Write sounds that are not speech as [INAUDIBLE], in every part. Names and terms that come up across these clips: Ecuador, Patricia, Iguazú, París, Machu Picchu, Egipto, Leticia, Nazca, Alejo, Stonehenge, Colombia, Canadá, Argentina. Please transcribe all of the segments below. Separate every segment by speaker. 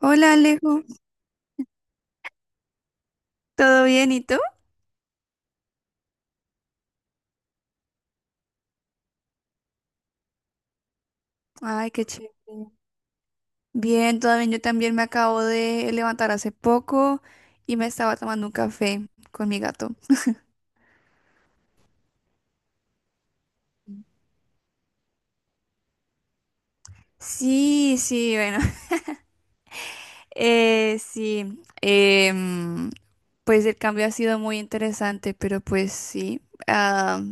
Speaker 1: Hola Alejo, ¿todo bien y tú? Ay, qué chévere. Bien, todo bien. Yo también me acabo de levantar hace poco y me estaba tomando un café con mi gato. Sí, sí, bueno, [LAUGHS] sí. Pues el cambio ha sido muy interesante, pero pues sí. ah,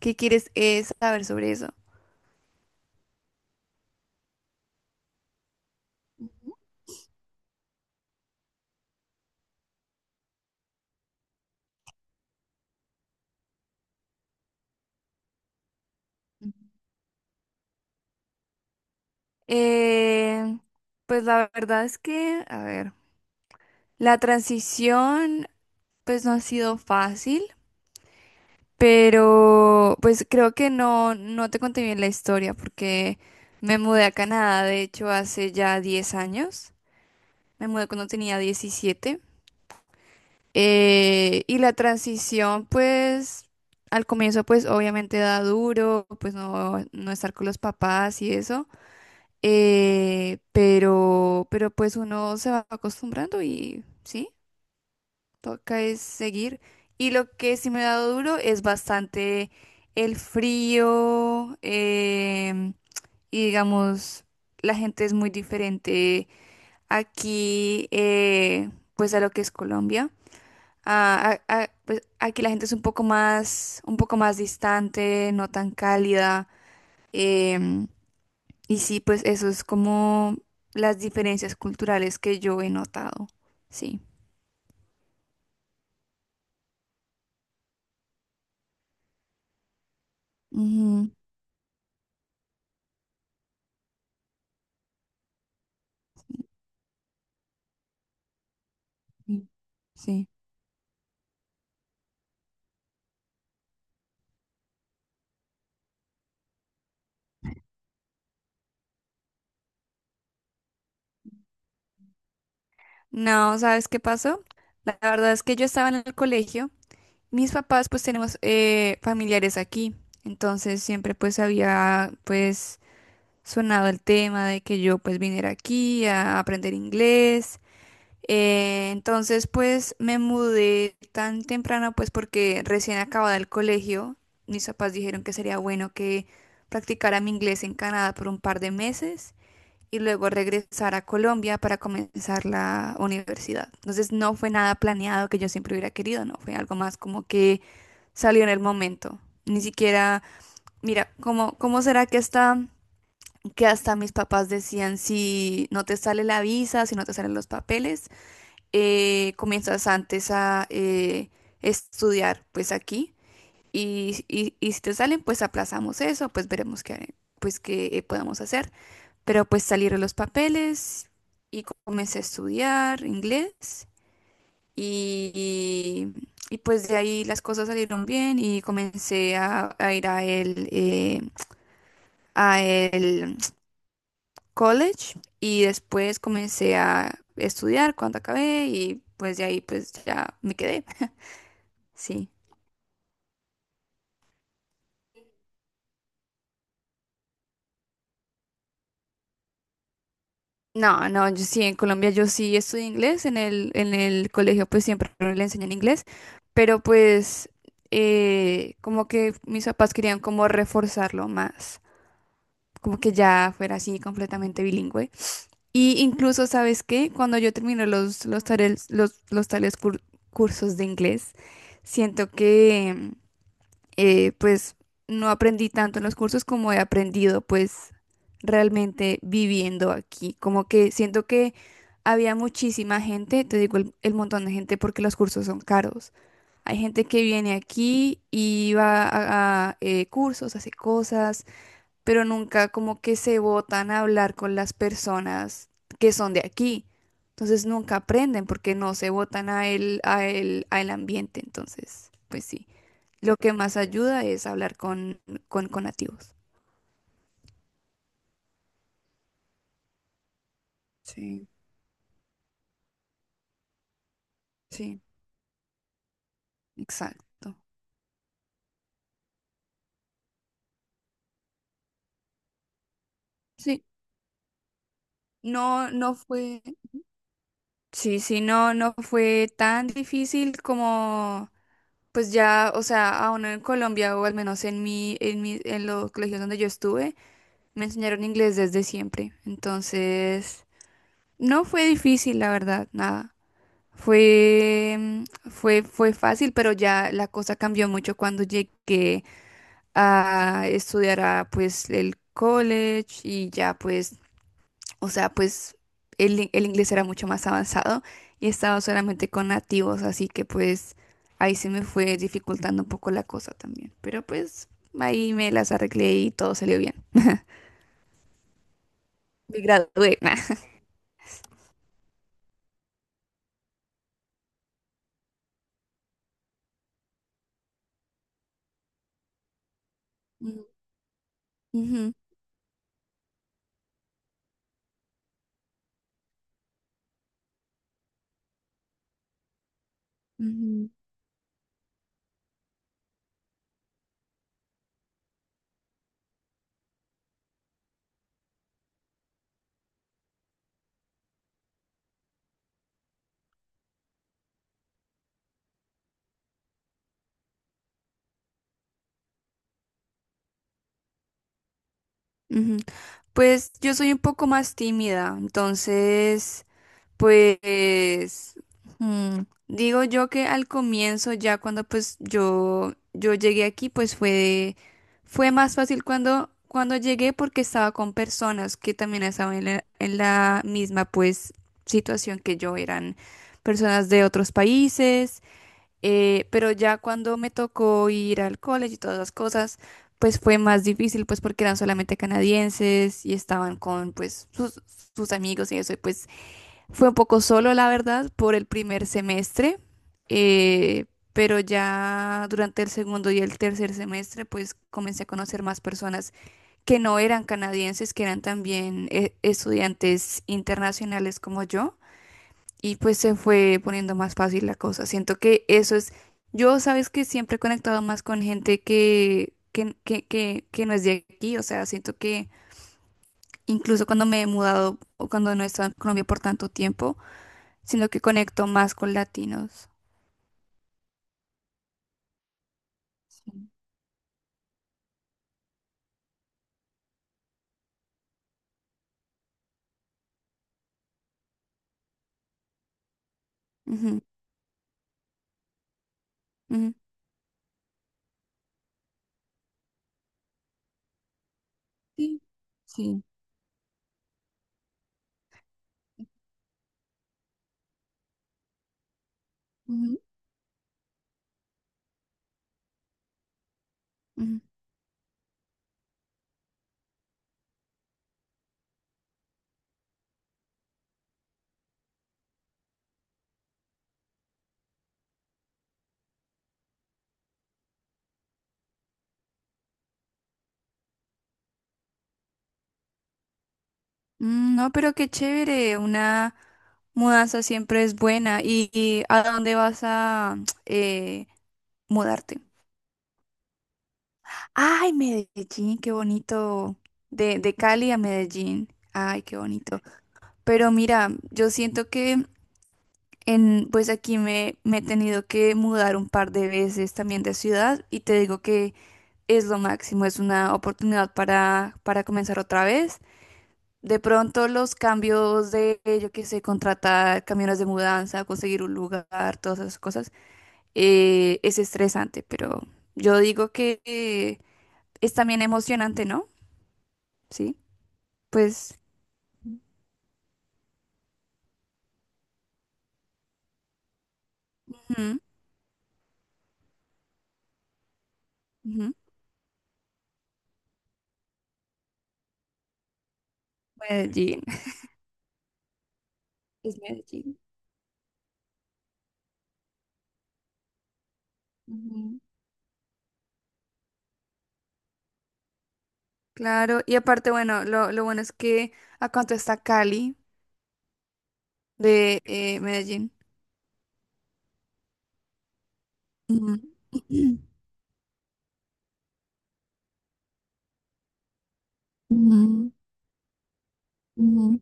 Speaker 1: ¿Qué quieres saber sobre eso? Eh, pues la verdad es que, a ver, la transición pues no ha sido fácil. Pero pues creo que no te conté bien la historia porque me mudé a Canadá, de hecho, hace ya 10 años. Me mudé cuando tenía 17. Y la transición, pues, al comienzo, pues, obviamente da duro, pues, no estar con los papás y eso. Pero pues uno se va acostumbrando y, ¿sí? Toca es seguir. Y lo que sí me ha dado duro es bastante el frío, y digamos, la gente es muy diferente aquí, pues a lo que es Colombia. Pues aquí la gente es un poco más distante, no tan cálida. em, y sí, pues eso es como las diferencias culturales que yo he notado. Sí. Ujú. Sí. Sí. No, ¿sabes qué pasó? La verdad es que yo estaba en el colegio. Mis papás pues tenemos familiares aquí. Entonces siempre pues había pues sonado el tema de que yo pues viniera aquí a aprender inglés. Entonces pues me mudé tan temprano pues porque recién acababa el colegio. Mis papás dijeron que sería bueno que practicara mi inglés en Canadá por un par de meses y luego regresar a Colombia para comenzar la universidad. Entonces no fue nada planeado que yo siempre hubiera querido, no, fue algo más como que salió en el momento. Ni siquiera, mira, ¿cómo será que hasta mis papás decían, si no te sale la visa, si no te salen los papeles, comienzas antes a estudiar pues aquí y si te salen, pues aplazamos eso, pues veremos qué, pues qué podemos hacer. Pero pues salieron los papeles y comencé a estudiar inglés y, pues de ahí las cosas salieron bien y comencé a ir a a el college y después comencé a estudiar cuando acabé y pues de ahí pues ya me quedé. Sí. No, no, yo sí, en Colombia yo sí estudié inglés, en el colegio pues siempre le enseñan inglés, pero pues como que mis papás querían como reforzarlo más, como que ya fuera así completamente bilingüe. Y incluso, ¿sabes qué? Cuando yo termino cursos de inglés, siento que, pues no aprendí tanto en los cursos como he aprendido pues realmente viviendo aquí. Como que siento que había muchísima gente, te digo el montón de gente porque los cursos son caros. Hay gente que viene aquí y va cursos, hace cosas, pero nunca como que se botan a hablar con las personas que son de aquí. Entonces nunca aprenden porque no se botan al ambiente. Entonces, pues sí. Lo que más ayuda es hablar con nativos. Sí. Sí, exacto. Sí, no, no fue, sí, sí, no fue tan difícil como, pues ya, o sea, a uno en Colombia o al menos en en los colegios donde yo estuve, me enseñaron inglés desde siempre. Entonces, no fue difícil, la verdad, nada. Fue, mm, Fue fácil, pero ya la cosa cambió mucho cuando llegué a estudiar a, pues el college y ya pues, o sea, pues el inglés era mucho más avanzado y estaba solamente con nativos, así que pues ahí se me fue dificultando un poco la cosa también, pero pues ahí me las arreglé y todo salió bien. Me gradué. [LAUGHS] Nah. Ujú, ujú. Pues yo soy un poco más tímida, entonces pues mm, digo yo que al comienzo, ya cuando pues yo llegué aquí, fue más fácil cuando llegué porque estaba con personas que también estaban en la misma pues situación que yo, eran personas de otros países, pero ya cuando me tocó ir al college y todas las cosas, pues fue más difícil pues porque eran solamente canadienses y estaban con pues sus amigos y eso, y pues fue un poco solo, la verdad, por el primer semestre, eh, pero ya durante el segundo y el tercer semestre, pues comencé a conocer más personas que no eran canadienses, que eran también estudiantes internacionales como yo, y pues se fue poniendo más fácil la cosa. Siento que eso es, yo sabes que siempre he conectado más con gente que no es de aquí, o sea, siento que incluso cuando me he mudado o cuando no he estado en Colombia por tanto tiempo, sino que conecto más con latinos. Sí. Ujú, ujú. Sí, sí. Ujú. Ujú. No, pero qué chévere, una mudanza siempre es buena. Y a dónde vas a [TSK] eh, mudarte? Ay, Medellín, qué bonito. De Cali a Medellín. Ay, qué bonito. Pero mira, yo siento que en, pues aquí me he tenido que mudar un par de veces también de ciudad y te digo que es lo máximo, es una oportunidad para comenzar otra vez. De pronto los cambios de, yo qué sé, contratar camiones de mudanza, conseguir un lugar, todas esas cosas, es estresante, pero yo digo que es también emocionante, ¿no? Sí, pues ujú, ujú, Medellín, [LAUGHS] es Medellín. Ujú. Claro, y aparte, bueno, lo bueno es que a cuánto está Cali de Medellín. Ujú. [CLEARS THROAT] Ujú, ujú.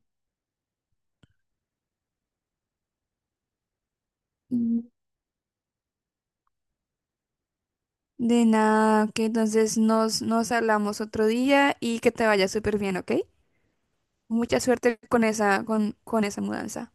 Speaker 1: Mm. De nada, que entonces nos hablamos otro día y que te vaya súper bien, ¿ok? Mucha suerte con esa mudanza.